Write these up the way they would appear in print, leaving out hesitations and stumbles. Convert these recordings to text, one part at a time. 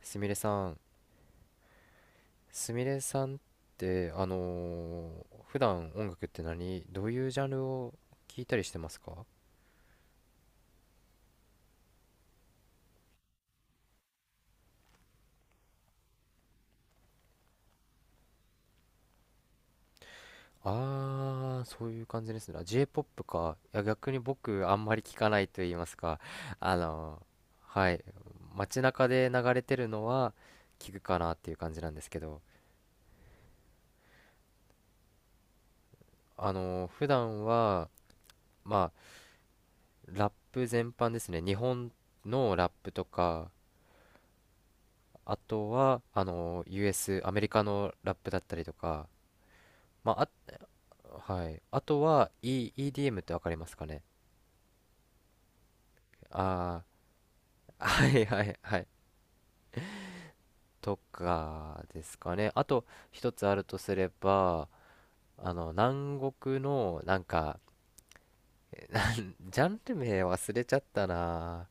すみれさん、すみれさんって普段音楽ってどういうジャンルを聞いたりしてますか？ああー、そういう感じですね。あ J-POP か。いや、逆に僕あんまり聞かないと言いますか。あのはい。街中で流れてるのは聞くかなっていう感じなんですけど、普段は、まあ、ラップ全般ですね。日本のラップとか、あとは、US、アメリカのラップだったりとか、まあ、あ、はい。あとは、EDM ってわかりますかね？ああー、はいはいはい。とかですかね。あと、一つあるとすれば、南国の、なんか、ジャンル名忘れちゃったな。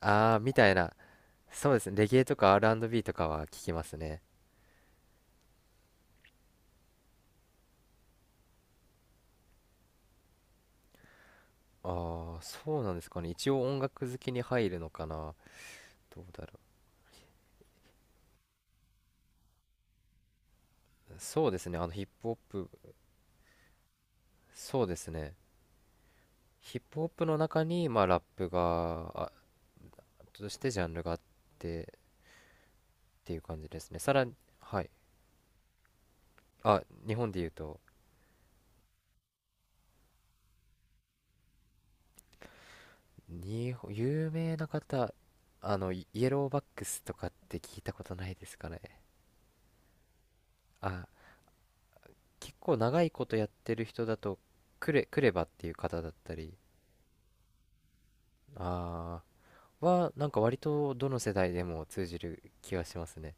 ああー、みたいな。そうですね。レゲエとか R&B とかは聞きますね。ああ、そうなんですかね。一応音楽好きに入るのかな。どうだろ。う。そうですね。ヒップホップ。そうですね。ヒップホップの中に、まあ、ラップが、としてジャンルがあってっていう感じですね。さらに、はい。あ、日本で言うと、有名な方、イイエローバックスとかって聞いたことないですかね？あ、結構長いことやってる人だと、クレバっていう方だったり、あなんか割とどの世代でも通じる気がしますね。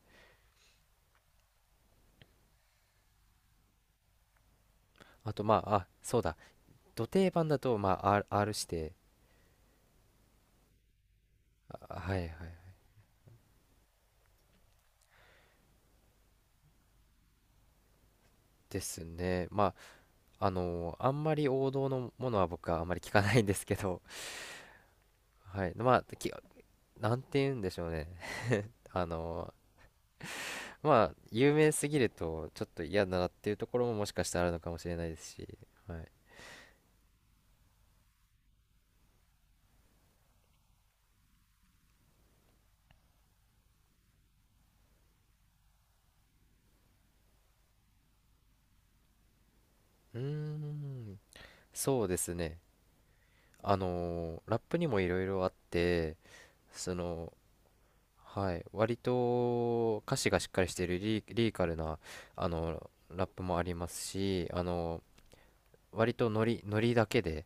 あと、まあ、そうだ。ド定番だと、まあ、R して、あはいはい。ですね。まあ、あんまり王道のものは僕はあんまり聞かないんですけど、はい。まあ、なんて言うんでしょうね。あのまあ、有名すぎるとちょっと嫌だなっていうところももしかしたらあるのかもしれないですし、はい。うーん、そうですね。あのラップにもいろいろあって、その、はい、割と歌詞がしっかりしているリリリカルな、あのラップもありますし、割とノリだけで、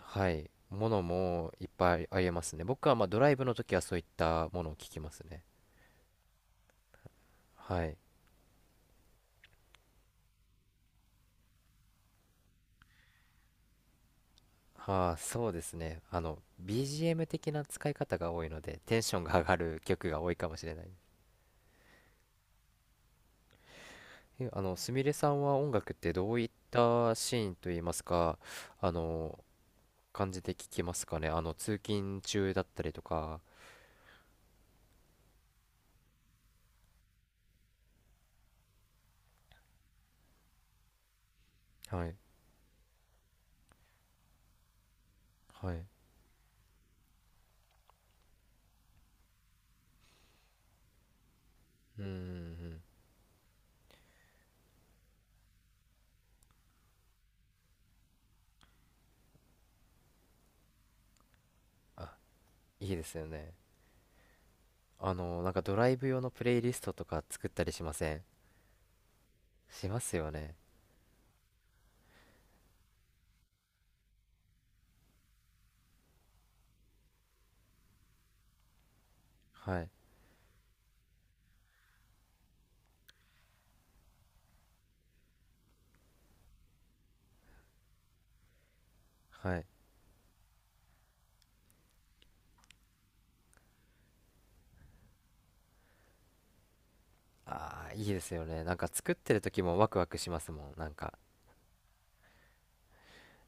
はい。ものもいっぱいありえますね。僕はまあドライブの時はそういったものを聞きますね。はい。ああ、そうですね。BGM 的な使い方が多いので、テンションが上がる曲が多いかもしれない。え、あの、すみれさんは音楽ってどういったシーンといいますか、あの、感じで聞きますかね？通勤中だったりとか。はい。はい。うんうんうん。あ、いいですよね。なんかドライブ用のプレイリストとか作ったりしません？しますよね。はい。はい。ああ、いいですよね。なんか作ってる時もワクワクしますもん。なんか。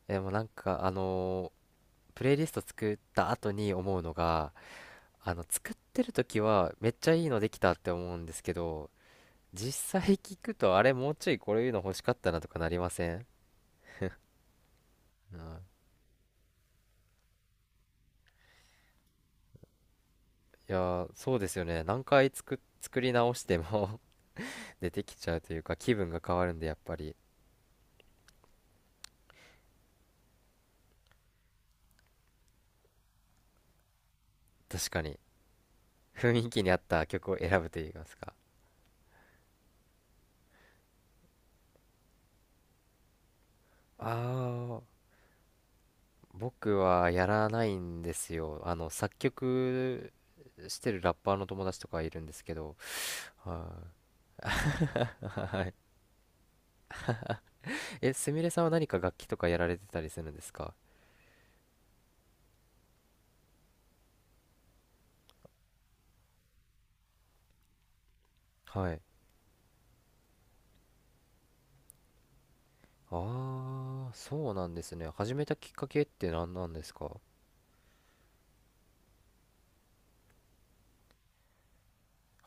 でもなんか、プレイリスト作った後に思うのが、作ってる時はめっちゃいいのできたって思うんですけど、実際聞くとあれもうちょいこういうの欲しかったなとかなりません？うん。いやー、そうですよね。何回作り直しても 出てきちゃうというか、気分が変わるんで、やっぱり。確かに。雰囲気に合った曲を選ぶと言いますか。ああ。僕はやらないんですよ。作曲してるラッパーの友達とかいるんですけど、はい。はい。すみれさんは何か楽器とかやられてたりするんですか？はい。ああ、そうなんですね。始めたきっかけって何なんですか？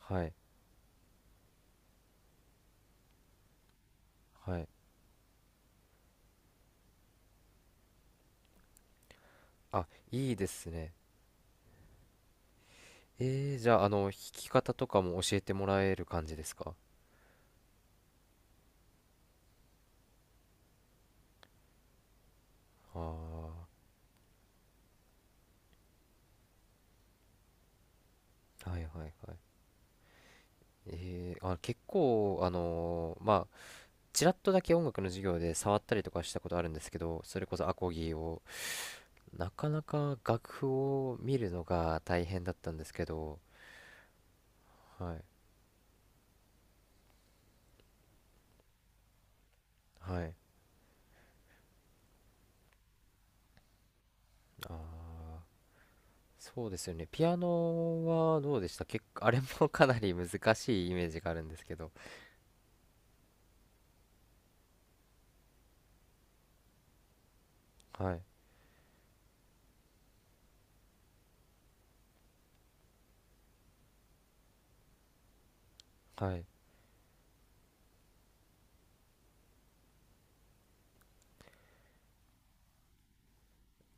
はい。はい。あ、いいですね。じゃあ、弾き方とかも教えてもらえる感じですか？ああー、はいはいはい。結構、ちらっとだけ音楽の授業で触ったりとかしたことあるんですけど、それこそアコギを、なかなか楽譜を見るのが大変だったんですけど、はい、はい、あー、そうですよね。ピアノはどうでした？結構、あれもかなり難しいイメージがあるんですけど、はい、はい、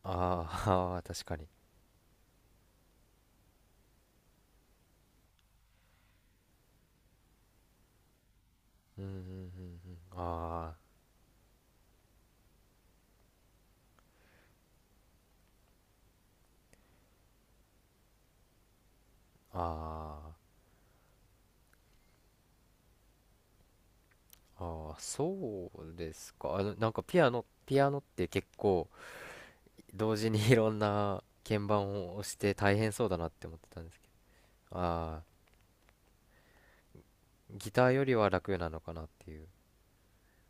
あー 確かに。うん、うん、うん、うん、あー、あー、あー、そうですか。なんかピアノって結構、同時にいろんな鍵盤を押して大変そうだなって思ってたんですけど。ああ、ギターよりは楽なのかなっていう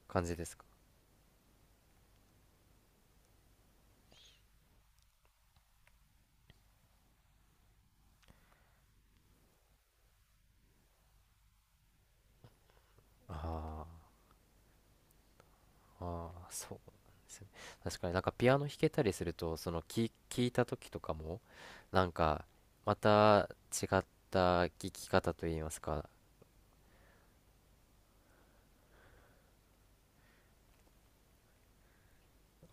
感じですか？ああ、ああ、そうなんですね。確かになんかピアノ弾けたりすると、その聞いた時とかも、なんかまた違った聞き方といいますか、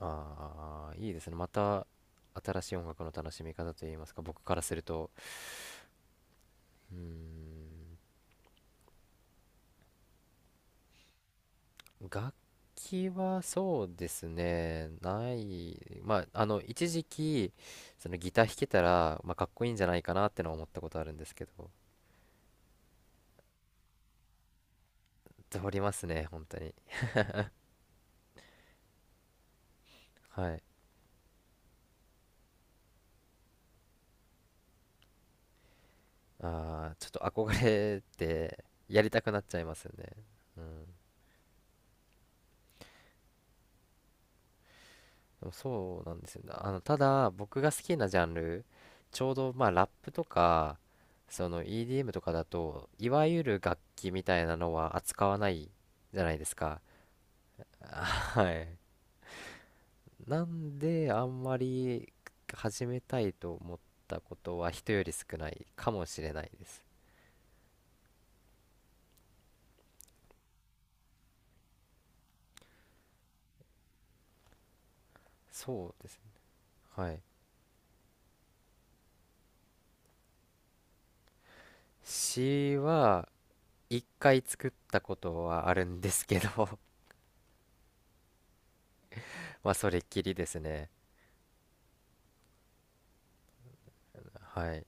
ああ、いいですね。また新しい音楽の楽しみ方といいますか、僕からすると、うーん。楽器はそうですね、ない、まあ、一時期、そのギター弾けたら、まあ、かっこいいんじゃないかなってのは思ったことあるんですけど、通りますね、本当に。はい。ああ、ちょっと憧れて、やりたくなっちゃいますよね。うん。でもそうなんですよね。ただ、僕が好きなジャンル、ちょうど、まあ、ラップとか、その EDM とかだと、いわゆる楽器みたいなのは扱わないじゃないですか。はい。なんであんまり始めたいと思ったことは人より少ないかもしれないです。そうですね。はい。詩は一回作ったことはあるんですけど まあそれっきりですね。はい。